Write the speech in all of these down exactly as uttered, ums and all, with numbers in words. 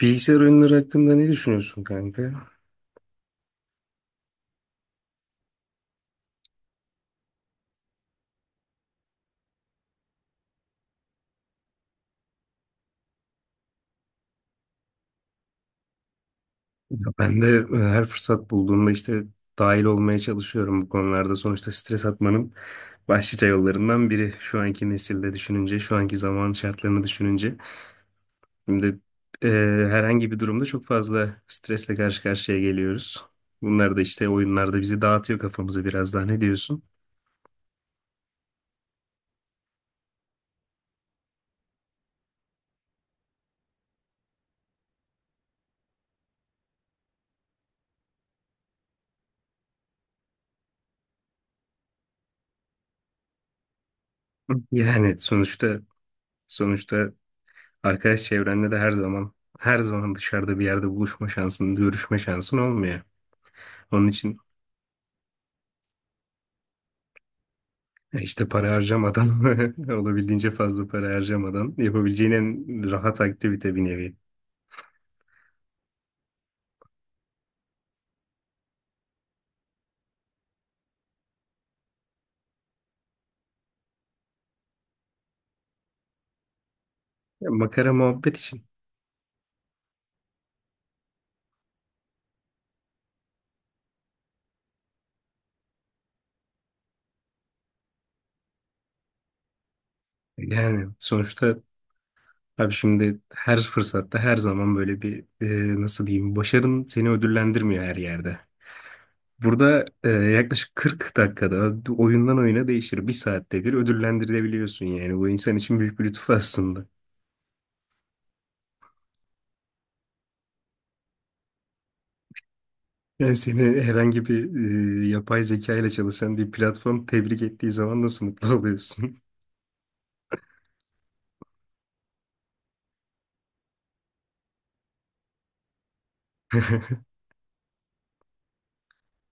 Bilgisayar oyunları hakkında ne düşünüyorsun kanka? Ya ben de e, her fırsat bulduğumda işte dahil olmaya çalışıyorum bu konularda. Sonuçta stres atmanın başlıca yollarından biri. Şu anki nesilde düşününce, şu anki zaman şartlarını düşününce. Şimdi e, herhangi bir durumda çok fazla stresle karşı karşıya geliyoruz. Bunlar da işte oyunlarda bizi dağıtıyor kafamızı biraz daha. Ne diyorsun? Yani sonuçta sonuçta arkadaş çevrenle de her zaman her zaman dışarıda bir yerde buluşma şansın, görüşme şansın olmuyor. Onun için e, İşte para harcamadan, olabildiğince fazla para harcamadan yapabileceğin en rahat aktivite bir nevi. Ya makara muhabbet için. Yani sonuçta abi şimdi her fırsatta her zaman böyle bir e, nasıl diyeyim, başarın seni ödüllendirmiyor her yerde. Burada e, yaklaşık kırk dakikada oyundan oyuna değişir. Bir saatte bir ödüllendirilebiliyorsun yani. Bu insan için büyük bir lütuf aslında. Yani seni herhangi bir e, yapay zeka ile çalışan bir platform tebrik ettiği zaman nasıl mutlu oluyorsun?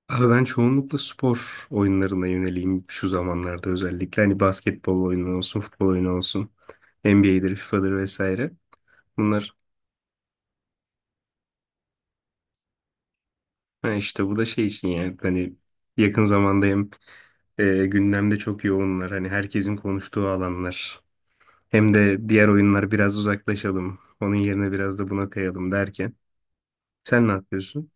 Abi ben çoğunlukla spor oyunlarına yöneliyim şu zamanlarda özellikle. Hani basketbol oyunu olsun, futbol oyunu olsun, N B A'dir, FIFA'dır vesaire. Bunlar ha işte bu da şey için yani hani yakın zamanda hem e, gündemde çok yoğunlar. Hani herkesin konuştuğu alanlar. Hem de diğer oyunlar biraz uzaklaşalım. Onun yerine biraz da buna kayalım derken. Sen ne yapıyorsun?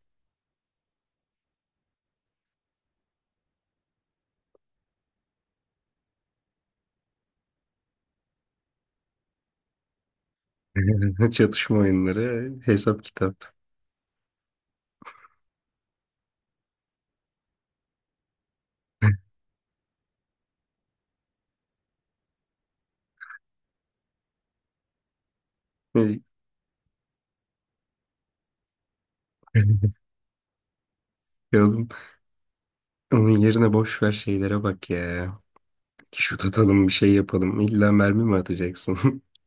Çatışma oyunları, hesap kitap. Yavrum, onun yerine boş ver şeylere bak ya. Şut atalım bir şey yapalım. İlla mermi mi atacaksın?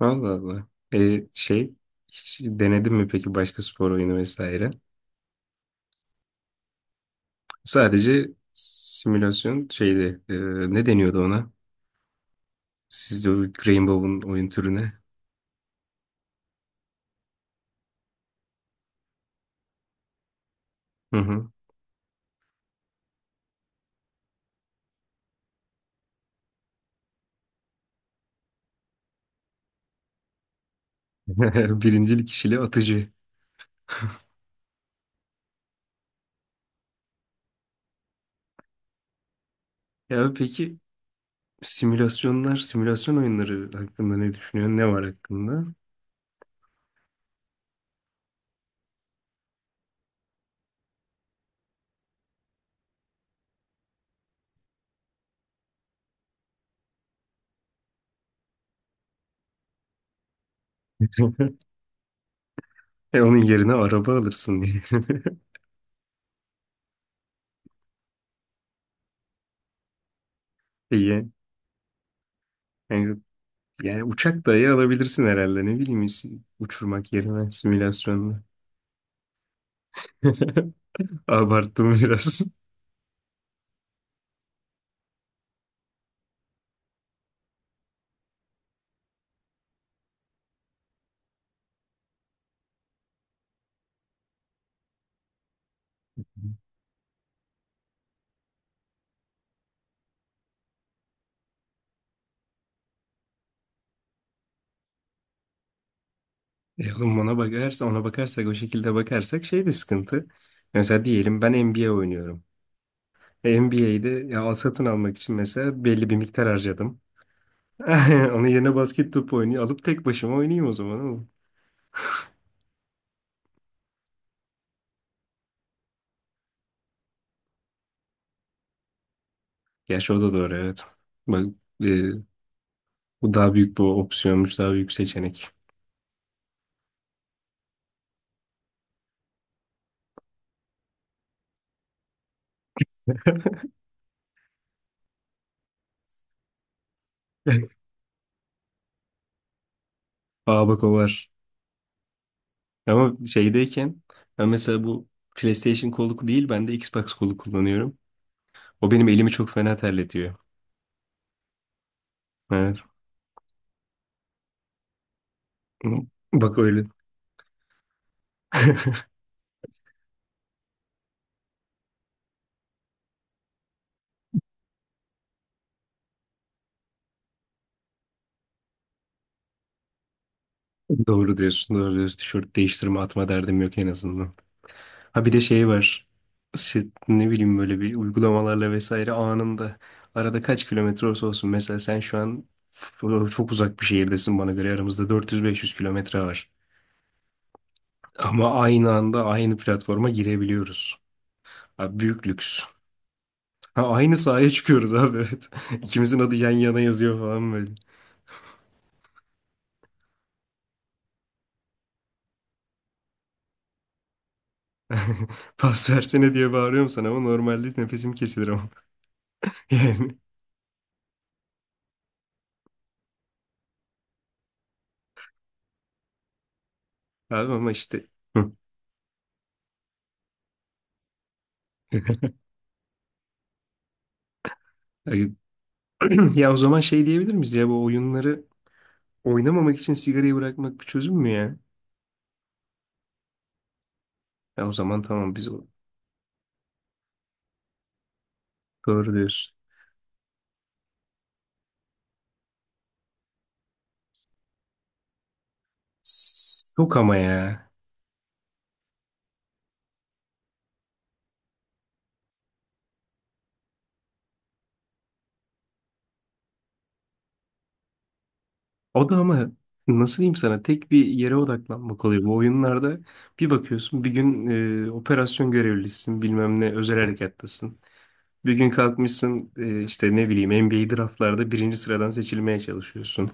Allah Allah. E, şey hiç denedin mi peki başka spor oyunu vesaire? Sadece simülasyon şeydi. E, ne deniyordu ona? Sizde o Rainbow'un oyun türüne. Hı hı. Birincil kişili atıcı. Ya peki simülasyonlar, simülasyon oyunları hakkında ne düşünüyorsun? Ne var hakkında? E, onun yerine araba alırsın diye. İyi. Yani Yani uçak dahi alabilirsin herhalde, ne bileyim, uçurmak yerine simülasyonla. Abarttım biraz. E oğlum, ona bakarsa, ona bakarsak, o şekilde bakarsak şey de sıkıntı. Mesela diyelim ben N B A oynuyorum. N B A'de ya al satın almak için mesela belli bir miktar harcadım. Onun yerine basket topu oynuyor. Alıp tek başıma oynayayım o zaman oğlum. Gerçi o da doğru, evet. Bak e, bu daha büyük bir opsiyonmuş, daha büyük bir seçenek. Aa bak, o var. Ama şeydeyken ben mesela bu PlayStation kolu değil, ben de Xbox kolu kullanıyorum. O benim elimi çok fena terletiyor. Evet. Bak öyle. Doğru diyorsun, doğru diyorsun. Tişört değiştirme atma derdim yok en azından. Ha bir de şey var. Şey, ne bileyim böyle bir uygulamalarla vesaire anında arada kaç kilometre olsa olsun. Mesela sen şu an çok uzak bir şehirdesin, bana göre aramızda dört yüz beş yüz kilometre var. Ama aynı anda aynı platforma girebiliyoruz. Abi büyük lüks. Ha, aynı sahaya çıkıyoruz abi, evet. İkimizin adı yan yana yazıyor falan böyle. Pas versene diye bağırıyorum sana ama normalde nefesim kesilir ama. Yani abi ama işte. Hı. Ay- Ya o zaman şey diyebilir miyiz, ya bu oyunları oynamamak için sigarayı bırakmak bir çözüm mü ya? Ya o zaman tamam biz o. Doğru diyorsun. S- Yok ama ya. O da ama nasıl diyeyim sana, tek bir yere odaklanmak oluyor. Bu oyunlarda bir bakıyorsun bir gün e, operasyon görevlisisin, bilmem ne özel harekattasın. Bir gün kalkmışsın e, işte ne bileyim N B A draftlarda birinci sıradan seçilmeye çalışıyorsun.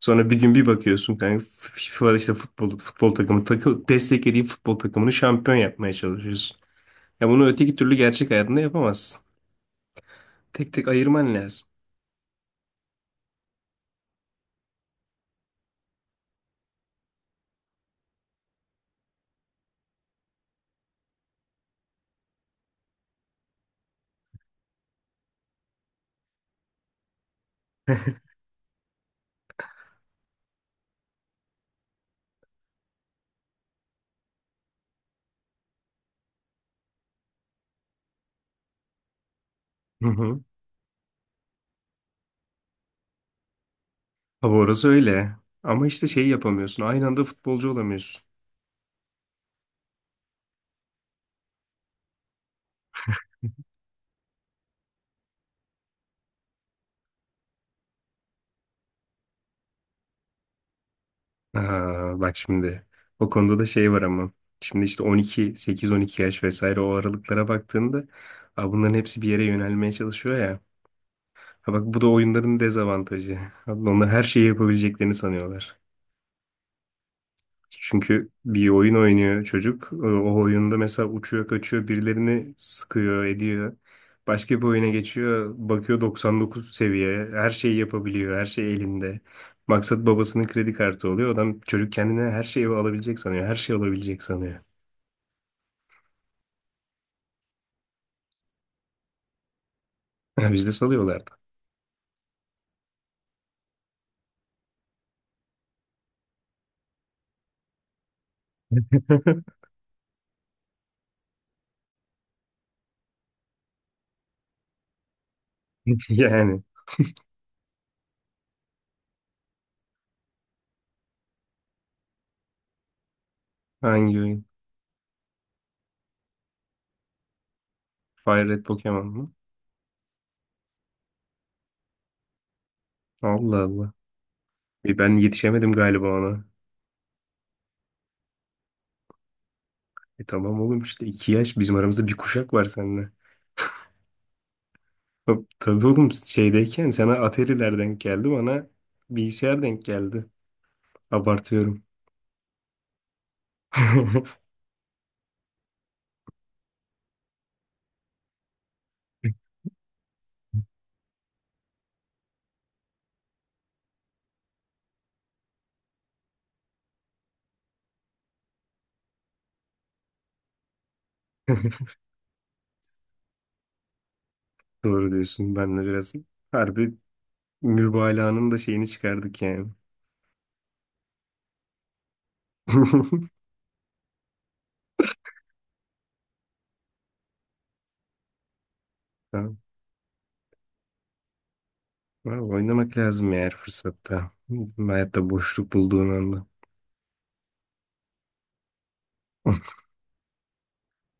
Sonra bir gün bir bakıyorsun kanka, FIFA işte futbol, futbol takımı takı, desteklediğin futbol takımını şampiyon yapmaya çalışıyorsun. Ya bunu öteki türlü gerçek hayatında yapamazsın. Tek tek ayırman lazım. Hı hı. Tabii orası öyle. Ama işte şey yapamıyorsun. Aynı anda futbolcu olamıyorsun. Aha, bak şimdi o konuda da şey var ama. Şimdi işte 12, sekiz on iki yaş vesaire o aralıklara baktığında, aa, bunların hepsi bir yere yönelmeye çalışıyor ya. Ha bak, bu da oyunların dezavantajı. Abi onlar her şeyi yapabileceklerini sanıyorlar. Çünkü bir oyun oynuyor çocuk. O o oyunda mesela uçuyor, kaçıyor, birilerini sıkıyor, ediyor. Başka bir oyuna geçiyor, bakıyor doksan dokuz seviye. Her şeyi yapabiliyor, her şey elinde. Maksat babasının kredi kartı oluyor. Adam, çocuk kendine her şeyi alabilecek sanıyor, her şey olabilecek sanıyor. Biz de salıyorlardı. Yani hangi oyun? Fire Red Pokemon mu? Allah Allah. E ben yetişemedim galiba ona. E tamam oğlum, işte iki yaş bizim aramızda, bir kuşak var seninle. Hop, tabii oğlum şeydeyken sana Atari'ler denk geldi, bana bilgisayar denk geldi. Abartıyorum. Doğru diyorsun, ben de biraz harbi mübalağanın da şeyini çıkardık yani. Tamam. Vallahi oynamak lazım eğer fırsatta. Hayatta boşluk bulduğun anda.